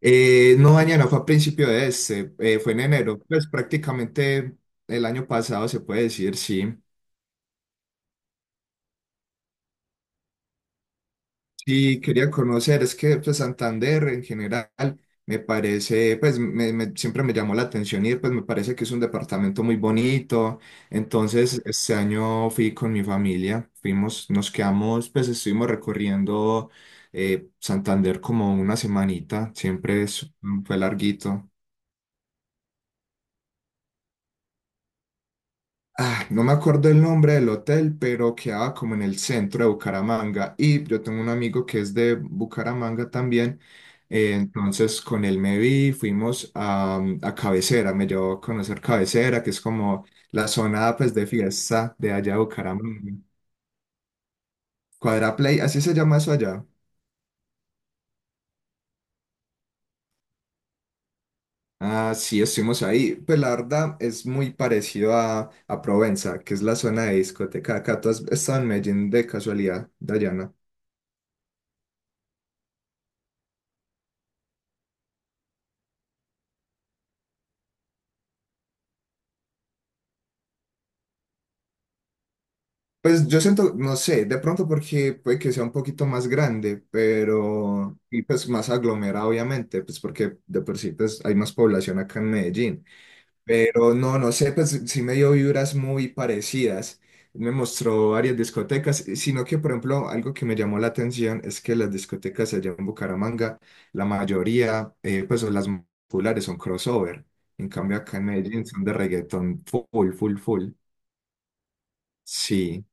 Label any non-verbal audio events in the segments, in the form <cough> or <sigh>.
No, Daniela, fue a principio de este, fue en enero, pues prácticamente el año pasado se puede decir, sí. Sí, quería conocer, es que pues, Santander en general me parece, pues siempre me llamó la atención y pues me parece que es un departamento muy bonito. Entonces, este año fui con mi familia, fuimos, nos quedamos, pues estuvimos recorriendo Santander como una semanita, fue larguito. Ah, no me acuerdo el nombre del hotel, pero quedaba como en el centro de Bucaramanga. Y yo tengo un amigo que es de Bucaramanga también. Entonces con él me vi, fuimos a Cabecera, me llevó a conocer Cabecera, que es como la zona pues de fiesta de allá de Bucaramanga. Cuadraplay, así se llama eso allá. Ah, sí, estuvimos ahí. Pues la verdad es muy parecido a Provenza, que es la zona de discoteca. Acá tú has estado en Medellín de casualidad, Dayana. Pues yo siento, no sé, de pronto porque puede que sea un poquito más grande, pero, y pues más aglomerado, obviamente, pues porque de por sí pues hay más población acá en Medellín. Pero no, no sé, pues sí me dio vibras muy parecidas. Me mostró varias discotecas, sino que, por ejemplo, algo que me llamó la atención es que las discotecas allá en Bucaramanga, la mayoría, pues son las más populares, son crossover. En cambio, acá en Medellín son de reggaetón full, full, full. Sí.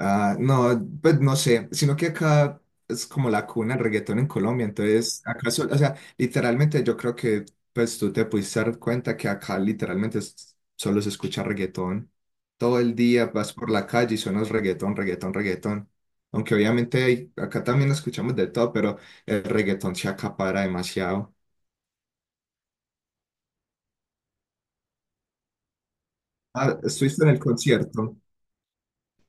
Ah, no, pues no sé, sino que acá es como la cuna del reggaetón en Colombia, entonces acá, o sea, literalmente yo creo que pues tú te pudiste dar cuenta que acá literalmente solo se escucha reggaetón. Todo el día vas por la calle y suenas reggaetón, reggaetón, reggaetón. Aunque obviamente acá también escuchamos de todo, pero el reggaetón se acapara demasiado. Ah, estuviste en el concierto,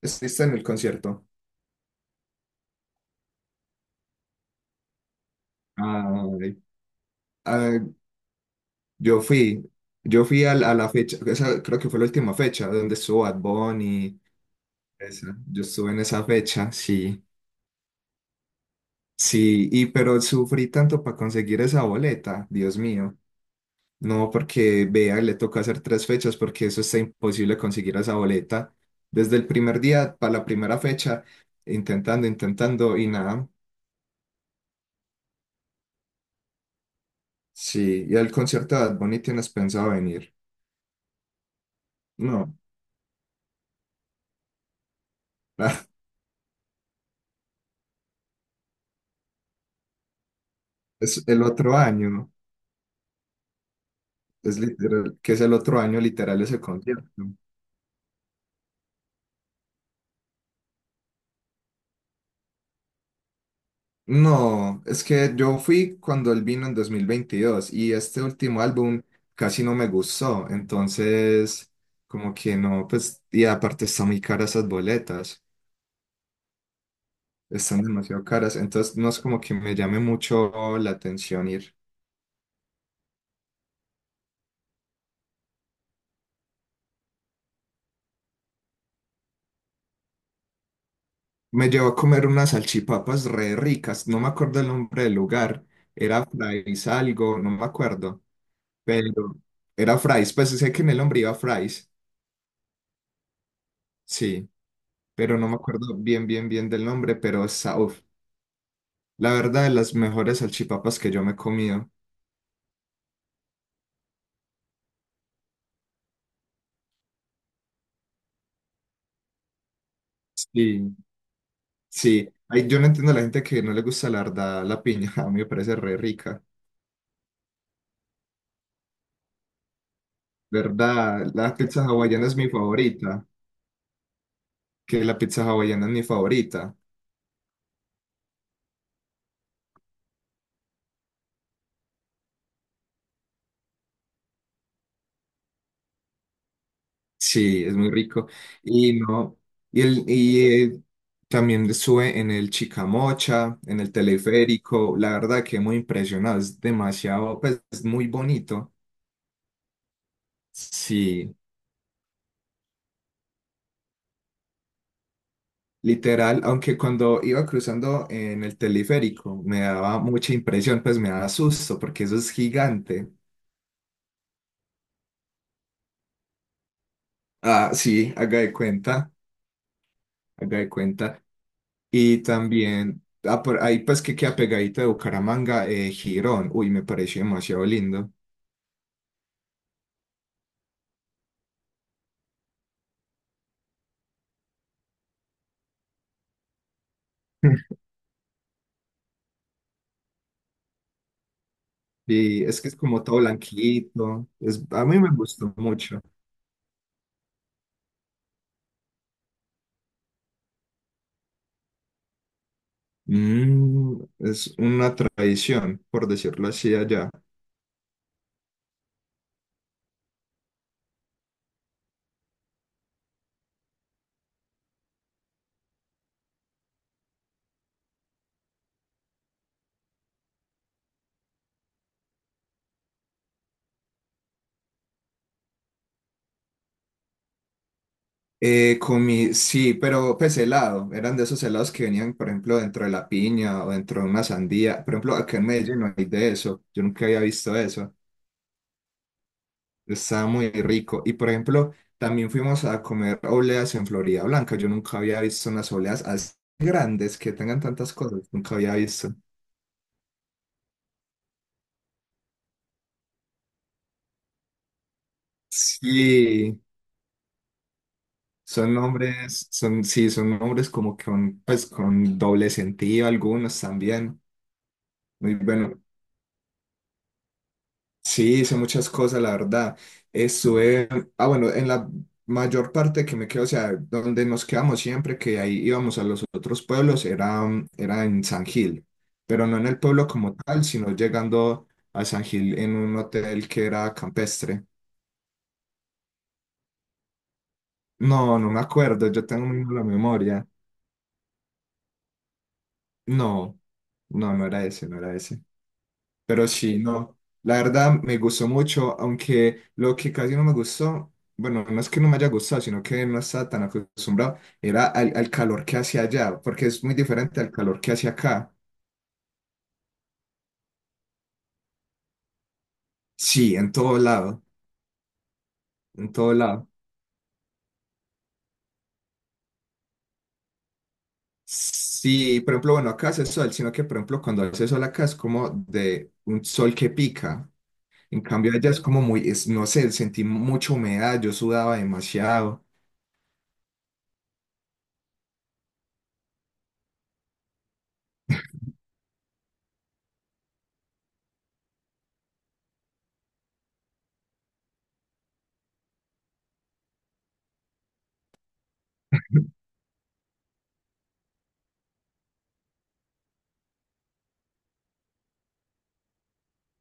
estuviste en el concierto. Ay, ay, yo fui, yo fui a la fecha, esa creo que fue la última fecha donde estuvo Bad Bunny, esa, yo estuve en esa fecha, sí, sí, y pero sufrí tanto para conseguir esa boleta, Dios mío, no, porque vea, le toca hacer tres fechas porque eso está imposible conseguir esa boleta, desde el primer día para la primera fecha, intentando, intentando y nada, sí, ¿y al concierto de Bad Bunny tienes pensado venir? No, <laughs> es el otro año. Es literal, que es el otro año literal ese concierto. No, es que yo fui cuando él vino en 2022 y este último álbum casi no me gustó, entonces como que no, pues, y aparte están muy caras esas boletas, están demasiado caras, entonces no es como que me llame mucho la atención ir. Me llevó a comer unas salchipapas re ricas, no me acuerdo el nombre del lugar, era Fry's algo, no me acuerdo, pero era Fry's, pues sé que en el nombre iba Fry's. Sí, pero no me acuerdo bien, bien, bien del nombre, pero esa, uf, la verdad, de las mejores salchipapas que yo me he comido. Sí, sí. Ay, yo no entiendo a la gente que no le gusta la verdad, la piña, <laughs> a mí me parece re rica. ¿Verdad? La pizza hawaiana es mi favorita, que la pizza hawaiana es mi favorita. Sí, es muy rico. Y no, y, el, y eh, también sube en el Chicamocha, en el teleférico, la verdad que muy impresionado, es demasiado, pues es muy bonito. Sí. Literal, aunque cuando iba cruzando en el teleférico me daba mucha impresión, pues me daba susto porque eso es gigante. Ah, sí, haga de cuenta, haga de cuenta. Y también, ah, por ahí pues que queda pegadito de Bucaramanga, Girón. Uy, me pareció demasiado lindo. <laughs> Y es que es como todo blanquito. Es, a mí me gustó mucho. Mm, es una tradición, por decirlo así, allá. Comí, sí, pero pues helado, eran de esos helados que venían, por ejemplo, dentro de la piña o dentro de una sandía. Por ejemplo, acá en Medellín no hay de eso, yo nunca había visto eso, estaba muy rico. Y por ejemplo, también fuimos a comer obleas en Florida Blanca, yo nunca había visto unas obleas así grandes que tengan tantas cosas, nunca había visto. Sí, son nombres, son, sí, son nombres como con, pues, con doble sentido, algunos también. Muy bueno, sí, hice muchas cosas, la verdad. Estuve, ah, bueno, en la mayor parte que me quedo, o sea, donde nos quedamos siempre, que ahí íbamos a los otros pueblos, era, era en San Gil, pero no en el pueblo como tal, sino llegando a San Gil en un hotel que era campestre. No, no me acuerdo, yo tengo muy mala memoria. No, no, no era ese, no era ese. Pero sí, no, la verdad me gustó mucho, aunque lo que casi no me gustó, bueno, no es que no me haya gustado, sino que no estaba tan acostumbrado, era al calor que hacía allá, porque es muy diferente al calor que hace acá. Sí, en todo lado, en todo lado. Sí, por ejemplo, bueno, acá hace sol, sino que por ejemplo cuando hace sol acá es como de un sol que pica. En cambio allá es como muy, no sé, sentí mucha humedad, yo sudaba demasiado.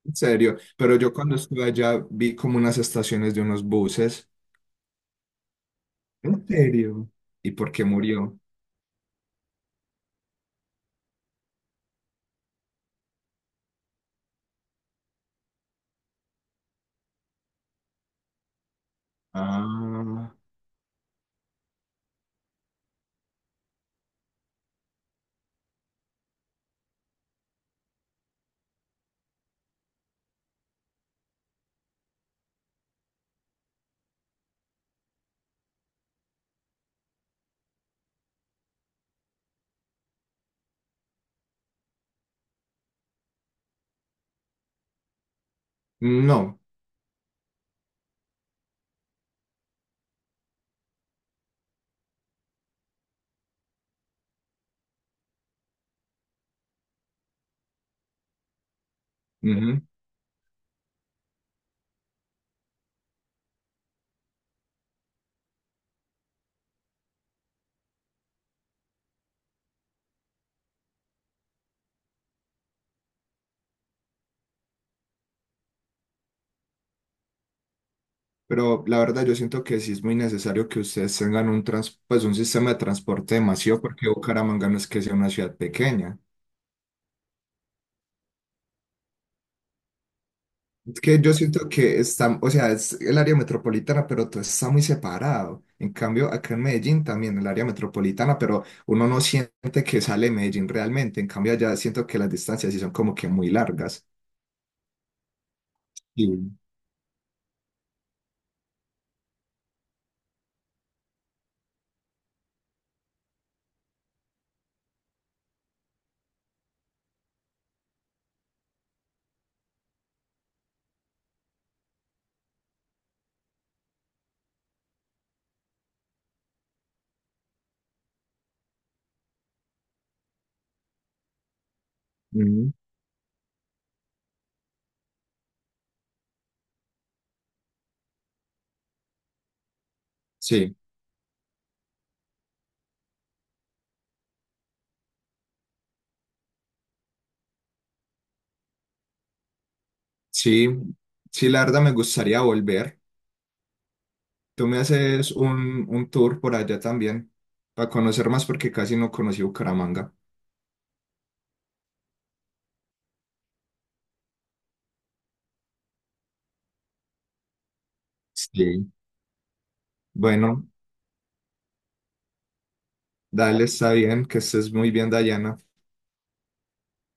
En serio, pero yo cuando estuve allá vi como unas estaciones de unos buses. ¿En serio? ¿Y por qué murió? Ah, no. Ujú. Pero la verdad yo siento que sí es muy necesario que ustedes tengan un trans, pues un sistema de transporte demasiado, porque Bucaramanga no es que sea una ciudad pequeña. Es que yo siento que está, o sea, es el área metropolitana, pero todo está muy separado. En cambio, acá en Medellín también el área metropolitana, pero uno no siente que sale de Medellín realmente. En cambio, allá siento que las distancias sí son como que muy largas. Y- ujú. Sí, sí, sí, la verdad me gustaría volver. Tú me haces un tour por allá también para conocer más porque casi no conocí Bucaramanga. Sí. Bueno, dale, está bien, que estés muy bien, Dayana.